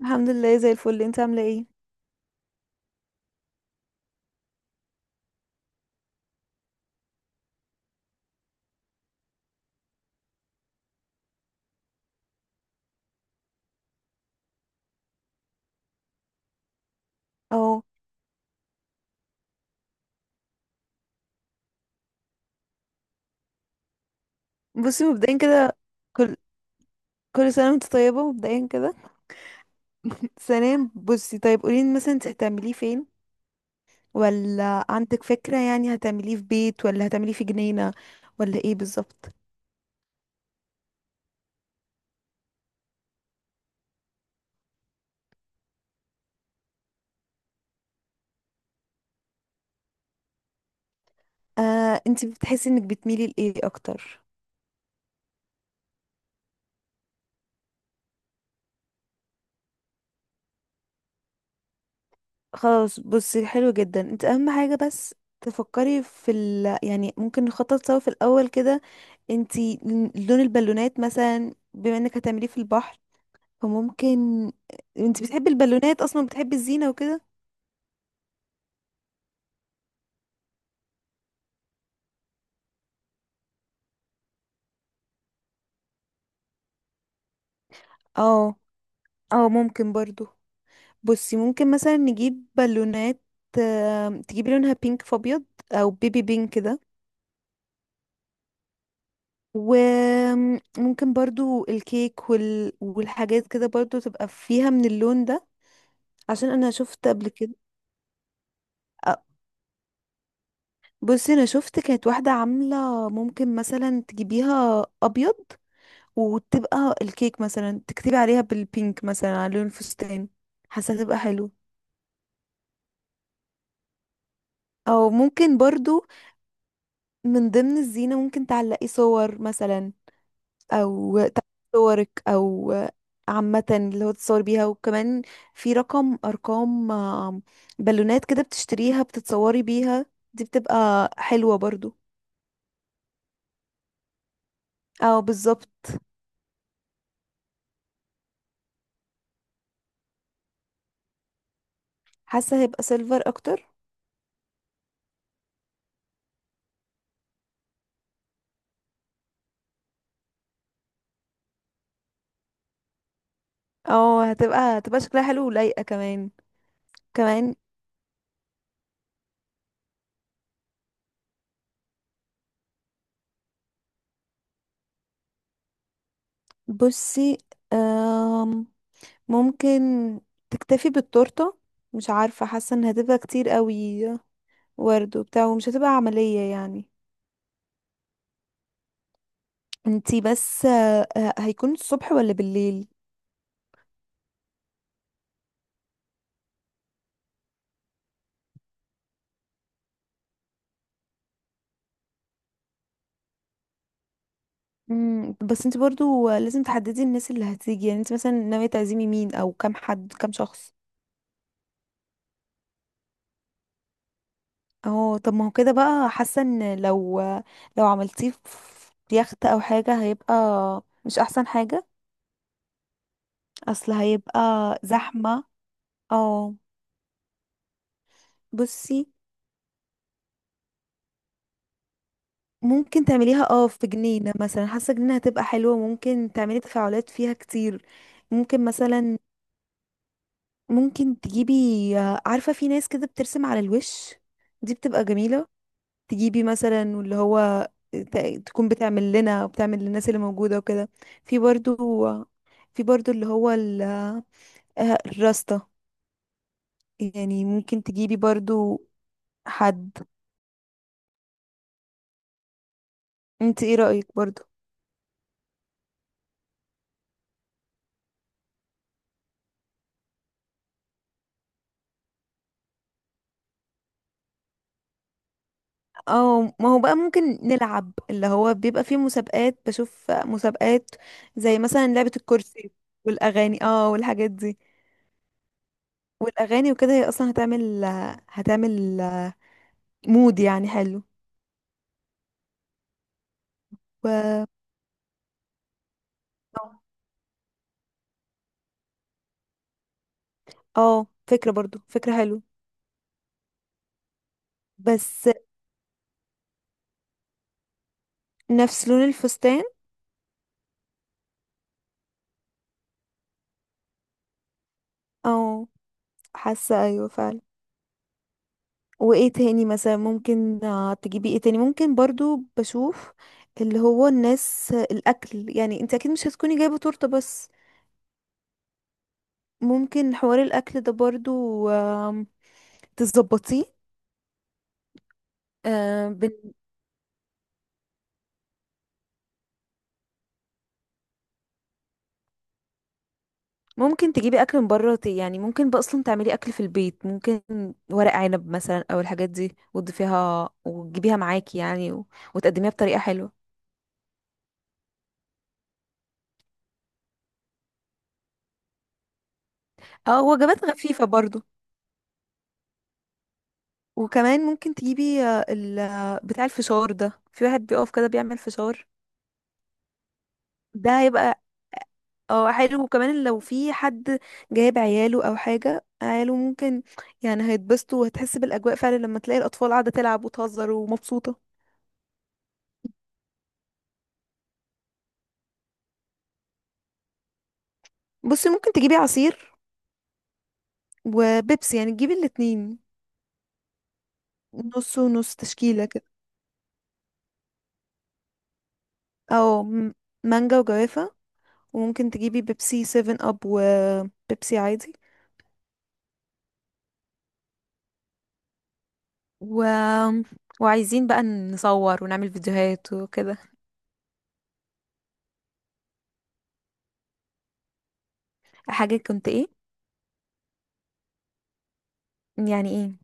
الحمد لله زي الفل. انت عامله ايه؟ اهو. بصي مبدئيا كده، كل كل سنه وانت طيبه. مبدئيا كده ثانيا بصي، طيب قولي لي مثلا انت هتعمليه فين؟ ولا عندك فكره؟ يعني هتعمليه في بيت ولا هتعمليه في جنينه ولا ايه بالظبط؟ آه، انت بتحسي انك بتميلي لايه اكتر؟ خلاص بصي، حلو جدا. انت اهم حاجه بس تفكري في ال يعني، ممكن نخطط سوا في الاول كده. انتي لون البالونات مثلا، بما انك هتعمليه في البحر فممكن، انت بتحبي البالونات اصلا؟ بتحبي الزينة وكده؟ اه، اه ممكن برضو. بصي ممكن مثلا نجيب بالونات، تجيبي لونها بينك في ابيض او بيبي بينك كده. وممكن برضو الكيك وال... والحاجات كده برضو تبقى فيها من اللون ده. عشان انا شفت قبل كده، آه، بصي انا شفت كانت واحدة عاملة، ممكن مثلا تجيبيها ابيض وتبقى الكيك مثلا تكتبي عليها بالبينك مثلا على لون الفستان. حاسة تبقى حلو. او ممكن برضو من ضمن الزينة ممكن تعلقي صور مثلا، او تعلقي صورك، او عامة اللي هو تتصور بيها. وكمان في رقم، ارقام، بالونات كده بتشتريها بتتصوري بيها، دي بتبقى حلوة برضو. او بالظبط. حاسة هيبقى سيلفر اكتر. او هتبقى شكلها حلو ولايقة كمان. كمان بصي، آم، ممكن تكتفي بالتورتة. مش عارفة، حاسة ان هتبقى كتير قوي ورد وبتاع، ومش هتبقى عملية يعني. انتي بس هيكون الصبح ولا بالليل؟ مم، بس انتي برضو آه، لازم تحددي الناس اللي هتيجي. يعني انتي مثلا ناوية تعزمي مين؟ او كام حد؟ كام شخص؟ اهو. طب ما هو كده بقى، حاسة ان لو، لو عملتيه في يخت او حاجة هيبقى مش احسن حاجة. اصل هيبقى زحمة. اه، بصي ممكن تعمليها اه في جنينة مثلا. حاسة جنينة هتبقى حلوة، ممكن تعملي تفاعلات فيها كتير. ممكن مثلا، ممكن تجيبي، عارفة في ناس كده بترسم على الوش؟ دي بتبقى جميلة. تجيبي مثلا واللي هو تكون بتعمل لنا وبتعمل للناس اللي موجودة وكده. في برضو، في برضو اللي هو الراستا، يعني ممكن تجيبي برضو حد. انت ايه رأيك برضو؟ او ما هو بقى ممكن نلعب، اللي هو بيبقى فيه مسابقات، بشوف مسابقات زي مثلا لعبة الكرسي والأغاني، اه والحاجات دي. والاغاني وكده هي اصلا هتعمل مود يعني حلو. و اه فكرة برضو، فكرة حلو. بس نفس لون الفستان. اه حاسة ايوه فعلا. وايه تاني مثلا ممكن، آه، تجيبي ايه تاني؟ ممكن برضو بشوف، اللي هو الناس الاكل يعني، انت اكيد مش هتكوني جايبة تورتة بس. ممكن حوار الاكل ده برضو تظبطيه. ممكن تجيبي اكل من بره، يعني ممكن بقى اصلا تعملي اكل في البيت، ممكن ورق عنب مثلا او الحاجات دي، وتضيفيها وتجيبيها معاكي يعني و... وتقدميها بطريقه حلوه. اه وجبات خفيفه برضو. وكمان ممكن تجيبي آه، ال... آه، بتاع الفشار ده، في واحد بيقف كده بيعمل فشار. ده هيبقى اه حلو. وكمان لو في حد جايب عياله او حاجه، عياله ممكن يعني هيتبسطوا، وهتحس بالاجواء فعلا لما تلاقي الاطفال قاعده تلعب وتهزر ومبسوطه. بصي ممكن تجيبي عصير وبيبسي، يعني تجيبي الاتنين نص ونص، تشكيلة كده. او مانجا وجوافة. وممكن تجيبي بيبسي 7 اب وبيبسي عادي. و... وعايزين بقى نصور ونعمل فيديوهات وكده. حاجة كنت ايه؟ يعني ايه؟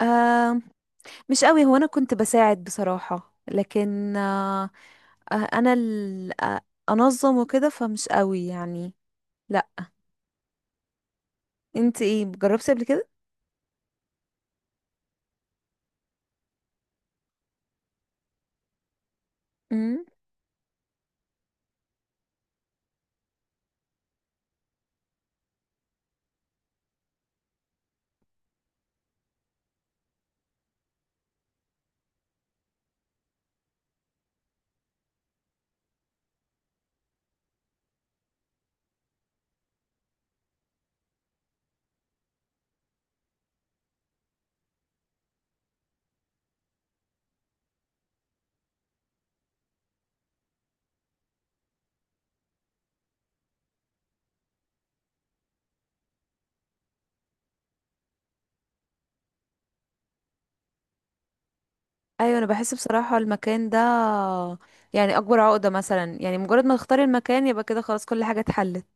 آه مش قوي. هو انا كنت بساعد بصراحة، لكن آه، آه، انا ال... آه، انظم وكده، فمش قوي يعني. لا. انت ايه جربتي قبل كده؟ ايوه. انا بحس بصراحه المكان ده يعني اكبر عقده مثلا. يعني مجرد ما تختاري المكان يبقى كده خلاص، كل حاجه اتحلت.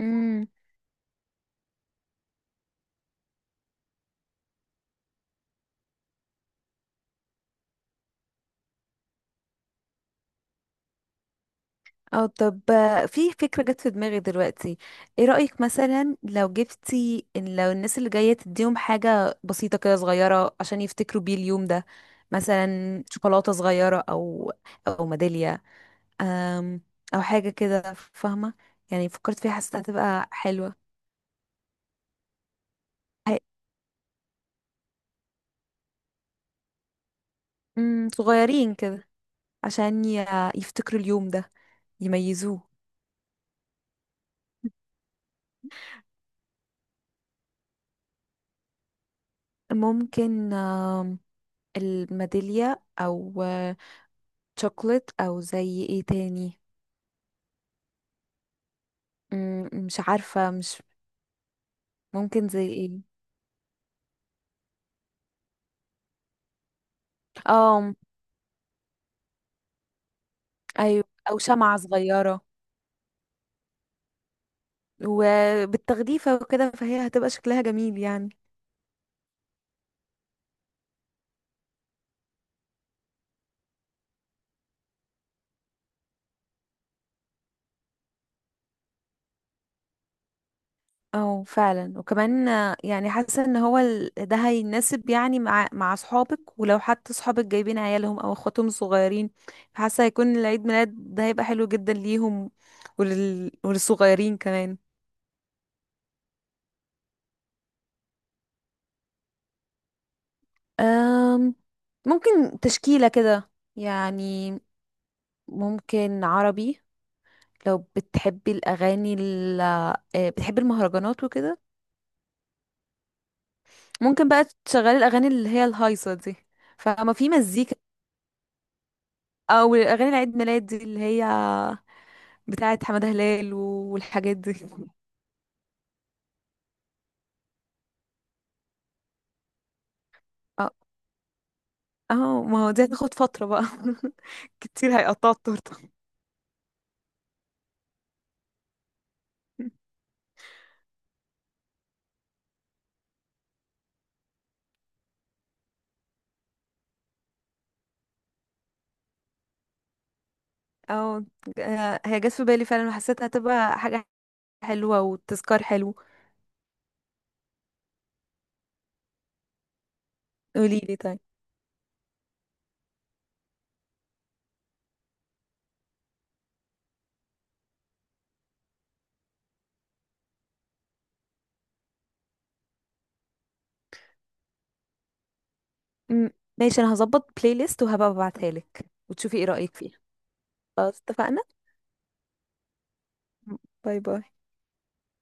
امم. او طب آه، في فكره جت في دماغي دلوقتي. ايه رايك مثلا لو جبتي، إن لو الناس اللي جايه تديهم حاجه بسيطه كده صغيره عشان يفتكروا بيه اليوم ده؟ مثلا شوكولاته صغيره، او او ميداليه، أم، او حاجه كده، فاهمه؟ يعني فكرت فيها حسيتها هتبقى حلوه. هي- أم، صغيرين كده عشان يفتكروا اليوم ده، يميزوه. ممكن الميدالية أو آه، شوكولات، أو زي ايه تاني؟ مم، مش عارفة، مش ممكن زي ايه؟ اه أيوة. أو شمعة صغيرة وبالتغليفة وكده، فهي هتبقى شكلها جميل يعني. اه فعلا. وكمان آه، يعني حاسه ان هو ده هيناسب يعني مع اصحابك. ولو حتى اصحابك جايبين عيالهم او اخواتهم الصغيرين، حاسه هيكون العيد ميلاد ده هيبقى حلو جدا ليهم، ولل... وللصغيرين كمان. أم... ممكن تشكيله كده يعني. ممكن عربي. لو بتحبي الاغاني ال... آه، بتحبي المهرجانات وكده، ممكن بقى تشغلي الاغاني اللي هي الهايصه دي، فما في مزيكا. او اغاني العيد ميلاد دي اللي هي بتاعه حمادة هلال والحاجات دي. اه. اه ما هو دي هتاخد فترة بقى. كتير هيقطعوا التورتة. اه آه، هي جت في بالي فعلا وحسيتها هتبقى حاجة حلوة وتذكار حلو. قولي لي طيب. م- ماشي، انا هظبط بلاي ليست وهبقى ببعتها لك وتشوفي ايه رأيك فيها. خلاص اتفقنا. باي باي.